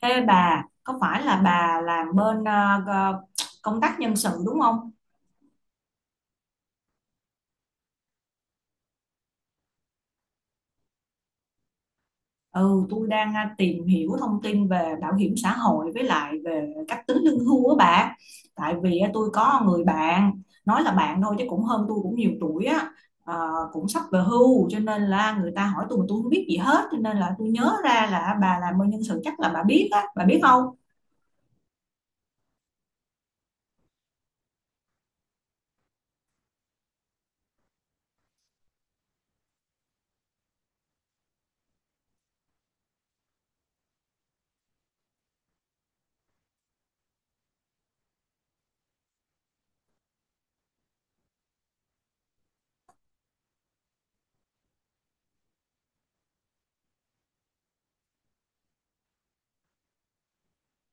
Ê bà, có phải là bà làm bên gờ- công tác nhân sự đúng không? Ừ, tôi đang tìm hiểu thông tin về bảo hiểm xã hội với lại về cách tính lương hưu á bà. Tại vì tôi có người bạn, nói là bạn thôi chứ cũng hơn tôi cũng nhiều tuổi á, cũng sắp về hưu cho nên là người ta hỏi tôi mà tôi không biết gì hết cho nên là tôi nhớ ra là bà làm bên nhân sự chắc là bà biết á, bà biết không?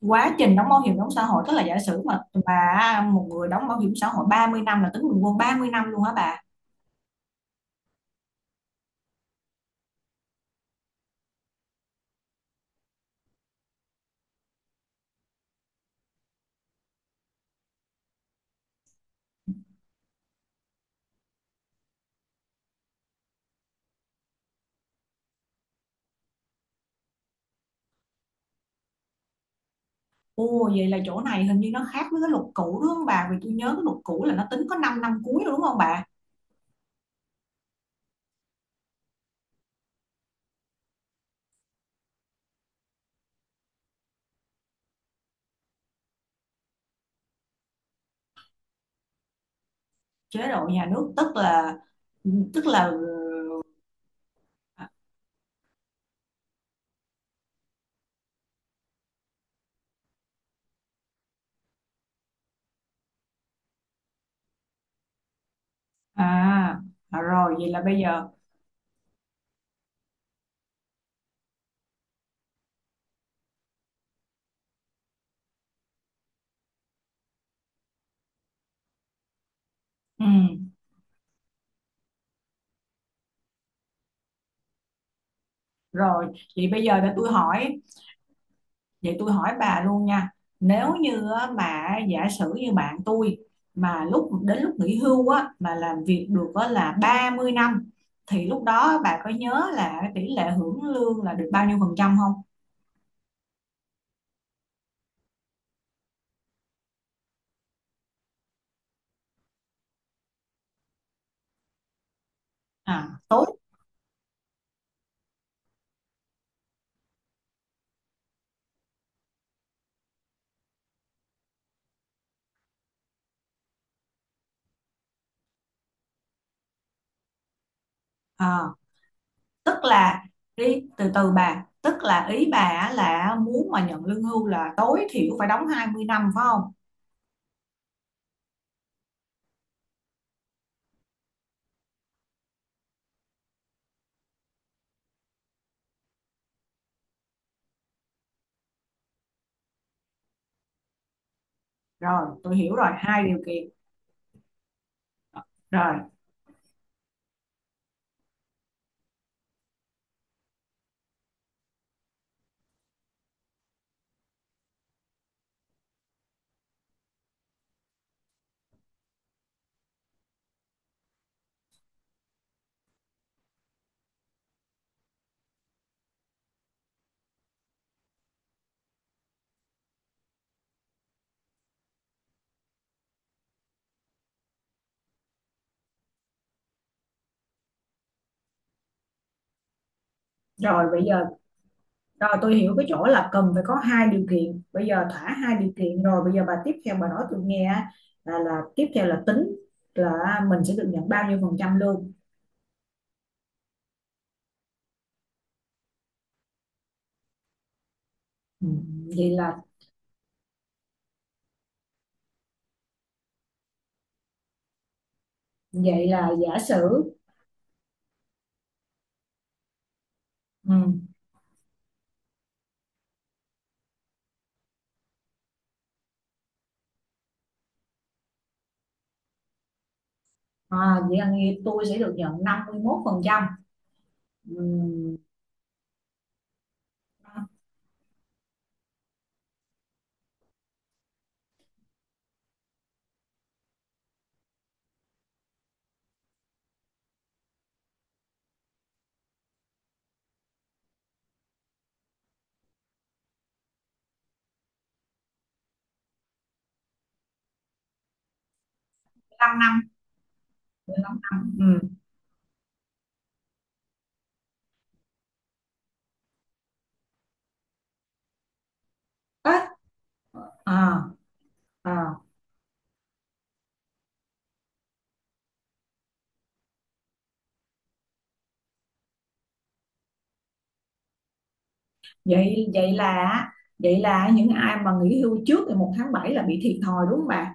Quá trình đóng bảo hiểm đóng xã hội tức là giả sử mà bà một người đóng bảo hiểm xã hội 30 năm là tính bình quân 30 năm luôn hả bà? Ồ, vậy là chỗ này hình như nó khác với cái luật cũ đúng không bà, vì tôi nhớ cái luật cũ là nó tính có 5 năm năm cuối đúng không bà? Chế độ nhà nước tức là à. À, rồi vậy là bây giờ. Ừ, rồi vậy bây giờ để tôi hỏi. Vậy tôi hỏi bà luôn nha, nếu như á, mà giả sử như bạn tôi mà lúc đến lúc nghỉ hưu á mà làm việc được á là 30 năm thì lúc đó bà có nhớ là cái tỷ lệ hưởng lương là được bao nhiêu phần trăm không? À, tốt. À, tức là đi từ từ bà, tức là ý bà á là muốn mà nhận lương hưu là tối thiểu phải đóng 20 năm phải không? Rồi, tôi hiểu rồi, hai điều kiện. Rồi, rồi bây giờ Rồi tôi hiểu cái chỗ là cần phải có hai điều kiện. Bây giờ thỏa hai điều kiện rồi, bây giờ bà tiếp theo bà nói tôi nghe á, là tiếp theo là tính là mình sẽ được nhận bao nhiêu phần trăm lương. Ừ, vậy là vậy là giả sử ừ. À, vậy là nghe tôi sẽ được nhận 51% ừ. 15 năm 15 năm ừ. Ế, à, à. Vậy vậy là những ai mà nghỉ hưu trước ngày một tháng 7 là bị thiệt thòi đúng không bà?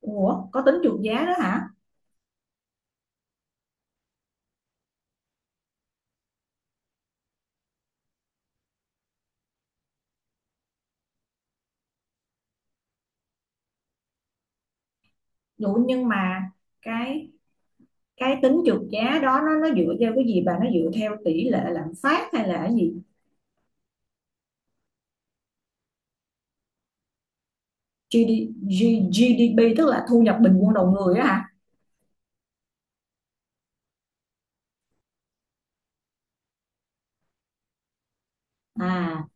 Ủa có tính trượt giá đó hả? Đủ nhưng mà cái cái tính trượt giá đó nó dựa theo cái gì bà, nó dựa theo tỷ lệ lạm phát hay là cái gì? GD, G- GDP tức là thu nhập bình quân đầu người á hả? À,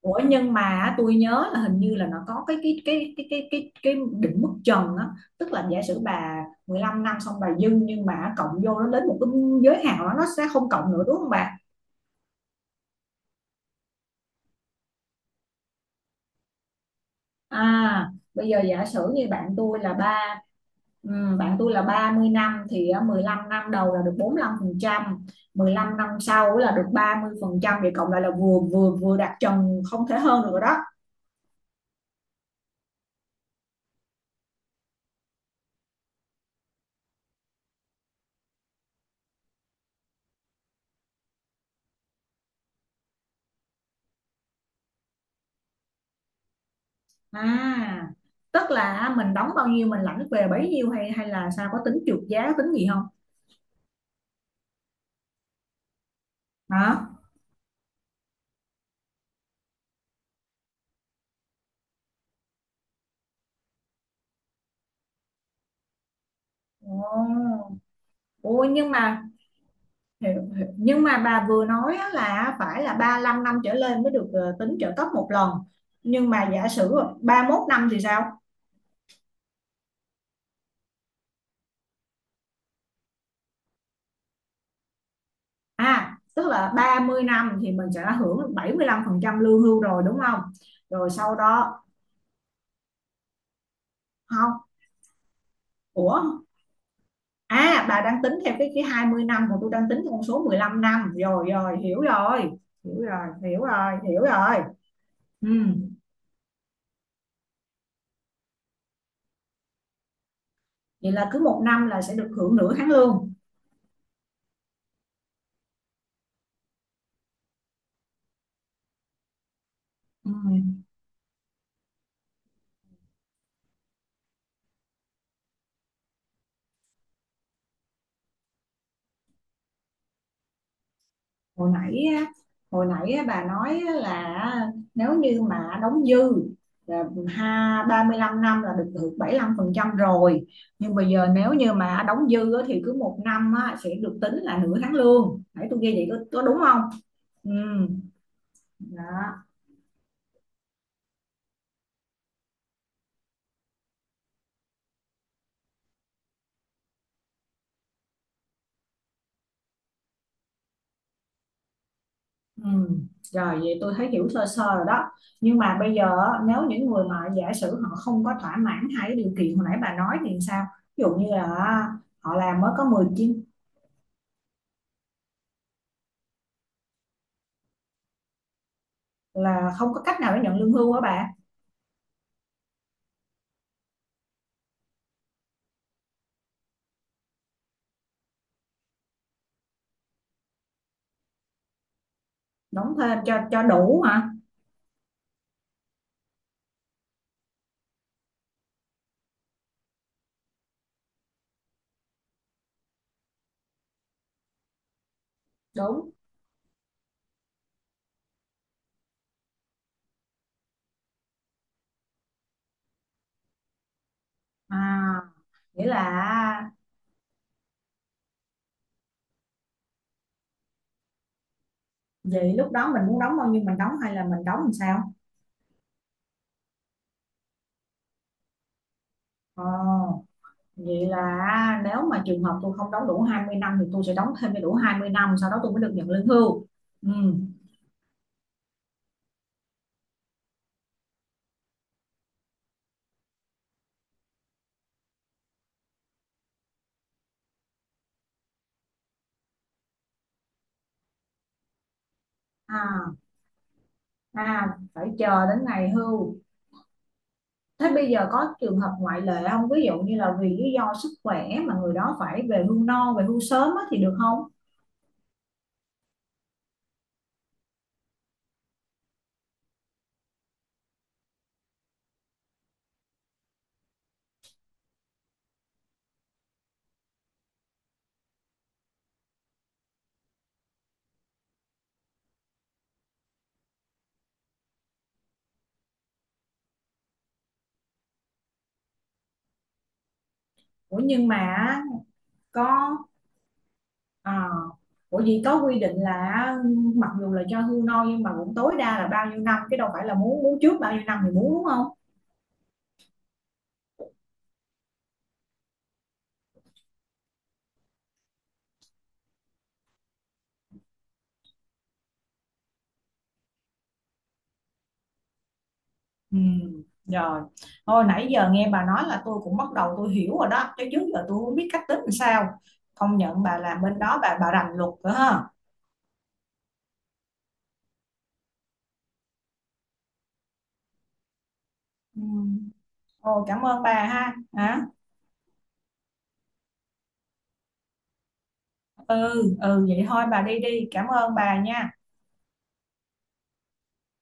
ủa nhưng mà á, tôi nhớ là hình như là nó có cái định mức trần á, tức là giả sử bà 15 năm xong bà dư nhưng mà cộng vô nó đến một cái giới hạn đó nó sẽ không cộng nữa đúng không bà? À, bây giờ giả sử như bạn tôi là 30 năm thì 15 năm đầu là được bốn lăm phần trăm, mười lăm năm sau là được ba mươi phần trăm, vậy cộng lại là vừa vừa vừa đạt trần không thể hơn được rồi đó. À, tức là à, mình đóng bao nhiêu mình lãnh về bấy nhiêu hay hay là sao, có tính trượt giá tính gì không? Hả? Ồ, ôi nhưng mà Hiểu, hiểu. Nhưng mà bà vừa nói á là phải là ba lăm năm trở lên mới được tính trợ cấp một lần. Nhưng mà giả sử ba mốt năm thì sao? À, tức là 30 năm thì mình sẽ hưởng 75% lương hưu rồi đúng không? Rồi sau đó không, ủa, à bà đang tính theo cái 20 năm còn tôi đang tính con số mười lăm năm. Rồi rồi, hiểu rồi. Hiểu rồi, hiểu rồi, hiểu rồi. Ừ. Vậy là cứ một năm là sẽ được hưởng nửa tháng lương. Ừ. hồi nãy hồi nãy bà nói là nếu như mà đóng dư là ha 35 năm là được hưởng 75 phần trăm rồi, nhưng bây giờ nếu như mà đóng dư á, thì cứ một năm á, sẽ được tính là nửa tháng lương, nãy tôi ghi vậy có đúng không? Ừ, đó. Ừ, rồi vậy tôi thấy hiểu sơ sơ rồi đó, nhưng mà bây giờ á, nếu những người mà giả sử họ không có thỏa mãn hai cái điều kiện hồi nãy bà nói thì sao, ví dụ như là họ làm mới có 19, là không có cách nào để nhận lương hưu hả bạn? Đóng thêm cho đủ hả? Đúng. À nghĩa là vậy lúc đó mình muốn đóng bao nhiêu mình đóng hay là mình đóng làm sao? Ờ, vậy là nếu mà trường hợp tôi không đóng đủ 20 năm thì tôi sẽ đóng thêm cho đủ 20 năm sau đó tôi mới được nhận lương hưu. Ừ. À, à phải chờ đến ngày hưu. Thế bây giờ có trường hợp ngoại lệ không, ví dụ như là vì lý do sức khỏe mà người đó phải về hưu non về hưu sớm á thì được không? Ủa nhưng mà có. À, ủa gì có quy định là mặc dù là cho hưu non nhưng mà cũng tối đa là bao nhiêu năm chứ đâu phải là muốn muốn trước bao nhiêu năm thì muốn đúng không? Ừ, rồi. Thôi nãy giờ nghe bà nói là tôi cũng bắt đầu tôi hiểu rồi đó chứ trước giờ tôi không biết cách tính làm sao. Công nhận bà làm bên đó bà rành luật nữa ha. Ừ. Ồ, cảm ơn bà ha. Hả? Ừ, ừ vậy thôi bà đi đi. Cảm ơn bà nha.